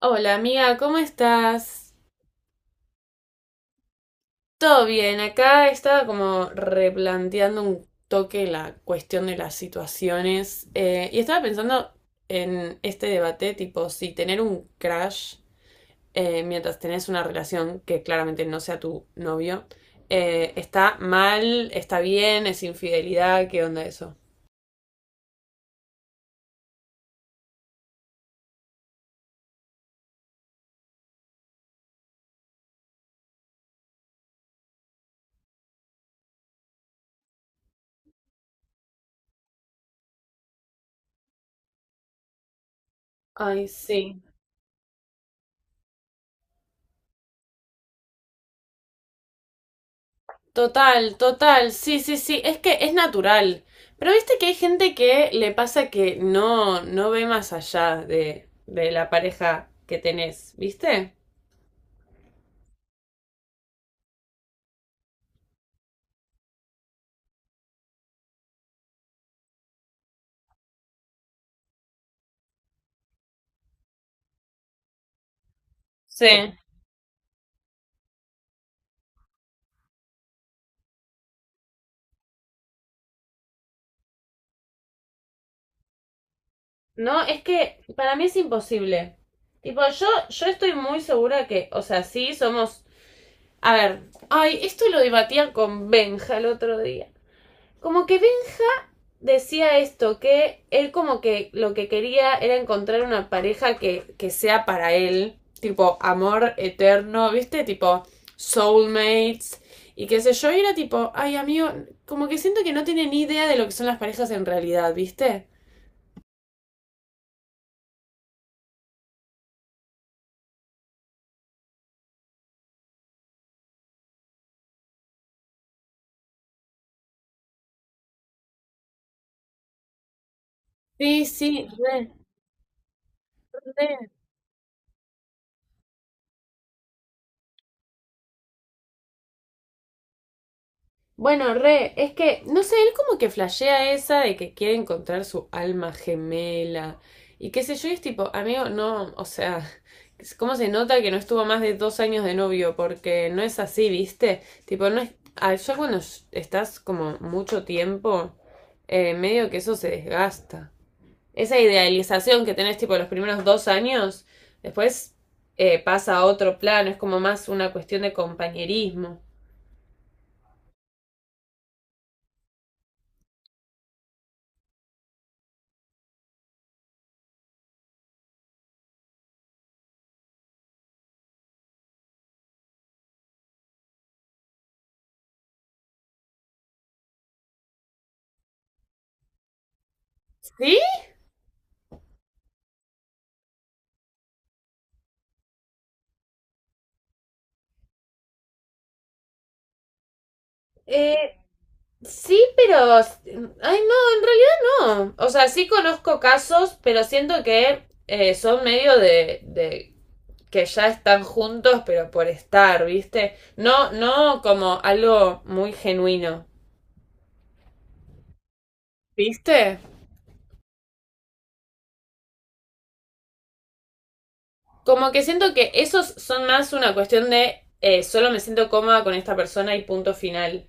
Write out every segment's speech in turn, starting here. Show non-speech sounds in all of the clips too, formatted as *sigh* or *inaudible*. Hola amiga, ¿cómo estás? Todo bien, acá estaba como replanteando un toque la cuestión de las situaciones y estaba pensando en este debate tipo si tener un crush mientras tenés una relación que claramente no sea tu novio está mal, está bien, es infidelidad, ¿qué onda eso? Ay, sí. Total, total, sí, sí, sí, es que es natural. Pero viste que hay gente que le pasa que no, no ve más allá de la pareja que tenés, ¿viste? Sí. No, es que para mí es imposible. Tipo, yo estoy muy segura que, o sea, sí somos. A ver, ay, esto lo debatía con Benja el otro día. Como que Benja decía esto, que él como que lo que quería era encontrar una pareja que sea para él, tipo amor eterno, ¿viste? Tipo soulmates y qué sé yo, y era tipo, ay, amigo, como que siento que no tiene ni idea de lo que son las parejas en realidad, ¿viste? Sí, sí, re, re. Bueno, re, es que, no sé, él como que flashea esa de que quiere encontrar su alma gemela y qué sé yo, y es tipo, amigo, no, o sea, *laughs* ¿cómo se nota que no estuvo más de 2 años de novio? Porque no es así, ¿viste? Tipo, no es, ah, ya cuando estás como mucho tiempo, medio que eso se desgasta. Esa idealización que tenés tipo los primeros 2 años, después pasa a otro plano, es como más una cuestión de compañerismo. ¿Sí? Eh, Sí, pero. Ay, no, en realidad no. O sea, sí conozco casos, pero siento que son medio de, que ya están juntos, pero por estar, ¿viste? No, no como algo muy genuino. ¿Viste? Como que siento que esos son más una cuestión de solo me siento cómoda con esta persona y punto final.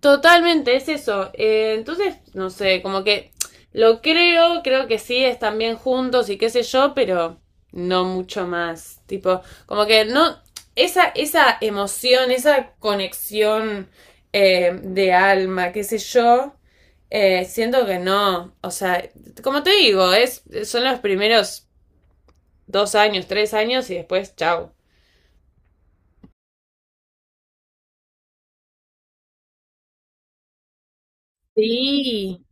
Totalmente, es eso. Entonces, no sé, como que lo creo, creo que sí, están bien juntos y qué sé yo, pero no mucho más. Tipo, como que no, esa emoción, esa conexión de alma, qué sé yo, siento que no. O sea, como te digo, son los primeros 2 años, 3 años y después, chao. Sí,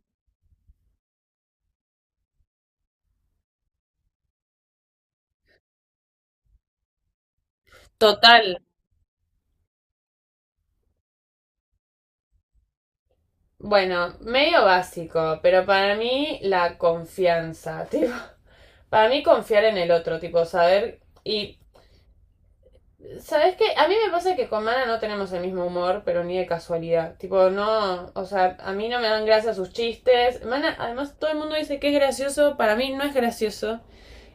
total. Bueno, medio básico, pero para mí la confianza, *laughs* tipo, para mí confiar en el otro, tipo, saber y ¿sabes qué? A mí me pasa que con Mana no tenemos el mismo humor, pero ni de casualidad. Tipo, no, o sea, a mí no me dan gracia sus chistes. Mana, además todo el mundo dice que es gracioso, para mí no es gracioso.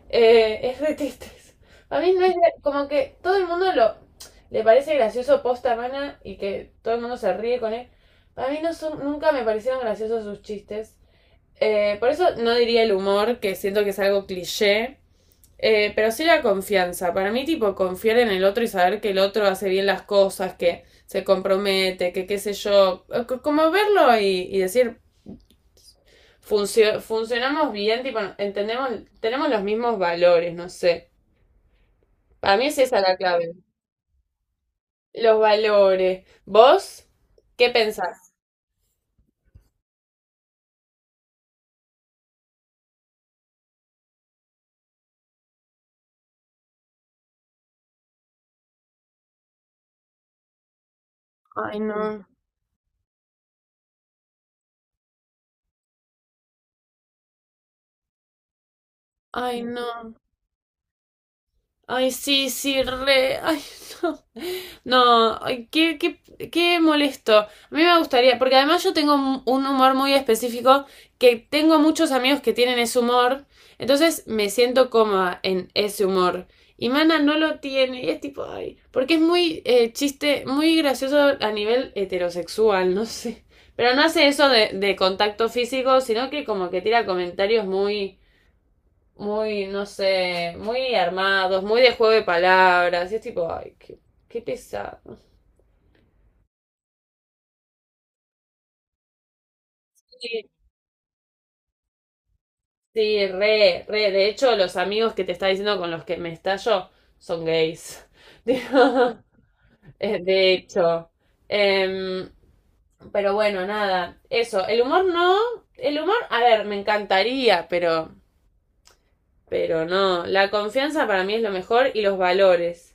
Es de tristes. A mí no es como que todo el mundo lo le parece gracioso posta Mana y que todo el mundo se ríe con él. A mí no son, nunca me parecieron graciosos sus chistes. Por eso no diría el humor, que siento que es algo cliché. Pero sí la confianza. Para mí, tipo, confiar en el otro y saber que el otro hace bien las cosas, que se compromete, que qué sé yo. Como verlo y decir, "Funcionamos bien, tipo, entendemos, tenemos los mismos valores, no sé. Para mí es esa la clave. Los valores. ¿Vos qué pensás? Ay, no. Ay, no. Ay, sí, sí, re. Ay, *laughs* no. No, ay, qué, qué, qué molesto. A mí me gustaría, porque además yo tengo un humor muy específico, que tengo muchos amigos que tienen ese humor, entonces me siento cómoda en ese humor. Y Mana no lo tiene, y es tipo, ay, porque es muy chiste, muy gracioso a nivel heterosexual, no sé. Pero no hace eso de contacto físico, sino que como que tira comentarios muy muy, no sé, muy armados, muy de juego de palabras. Y es tipo, ay, qué, qué pesado. Sí, sí, re, re. De hecho, los amigos que te está diciendo con los que me estallo son gays. *laughs* Digo, de hecho. Em, pero bueno, nada. Eso, el humor no. El humor, a ver, me encantaría, pero no. La confianza para mí es lo mejor y los valores.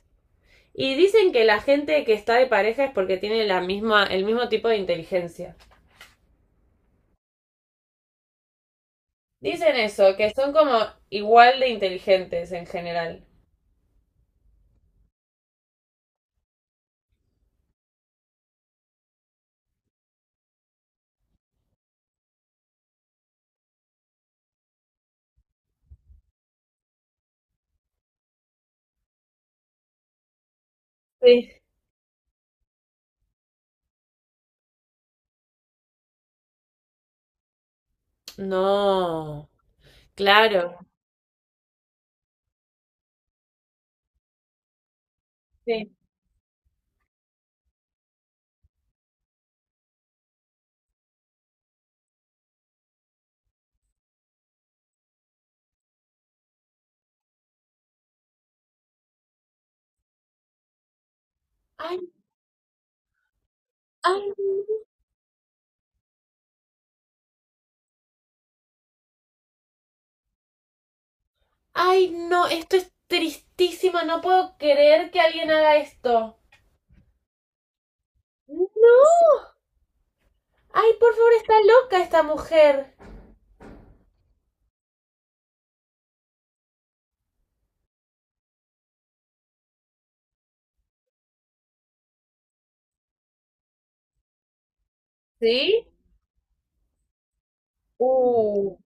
Y dicen que la gente que está de pareja es porque tiene la misma, el mismo tipo de inteligencia. Dicen eso, que son como igual de inteligentes en general. Sí, no, claro. Sí. Ay, ay, ay, no, esto es tristísimo, no puedo creer que alguien haga esto. No. Ay, por favor, está loca esta mujer. ¿Sí? Uh.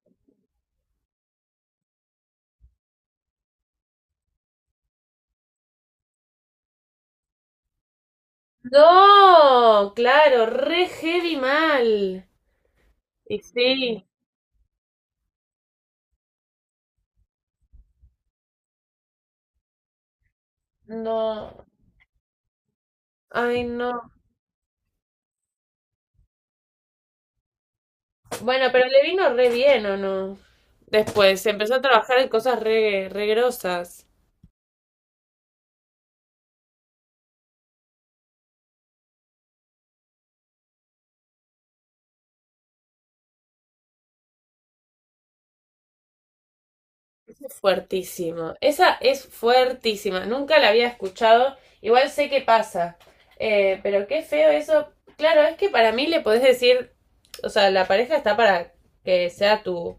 No, claro, re heavy mal. Y sí, no, ay, no. Bueno, pero le vino re bien, ¿o no? Después empezó a trabajar en cosas re, re grosas. Fuertísimo. Esa es fuertísima. Nunca la había escuchado. Igual sé qué pasa. Pero qué feo eso. Claro, es que para mí le podés decir, o sea, la pareja está para que sea tu,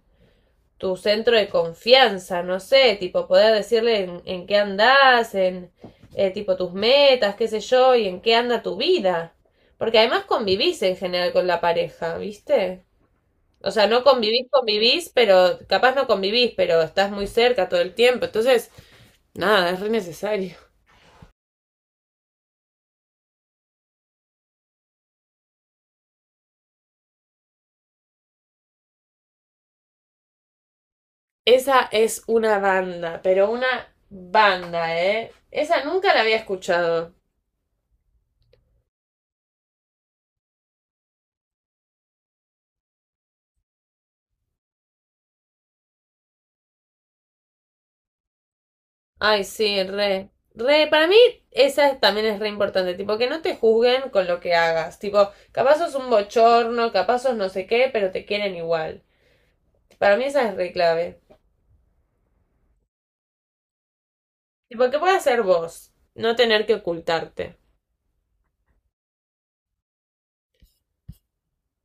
tu centro de confianza, no sé, tipo poder decirle en qué andás, en tipo tus metas, qué sé yo, y en qué anda tu vida. Porque además convivís en general con la pareja, ¿viste? O sea, no convivís, convivís, pero capaz no convivís, pero estás muy cerca todo el tiempo. Entonces, nada, es re necesario. Esa es una banda, pero una banda, ¿eh? Esa nunca la había escuchado. Ay, sí, re. Re, para mí esa también es re importante, tipo, que no te juzguen con lo que hagas, tipo, capaz sos un bochorno, capaz sos no sé qué, pero te quieren igual. Para mí esa es re clave. Tipo, que puedas ser vos, no tener que ocultarte.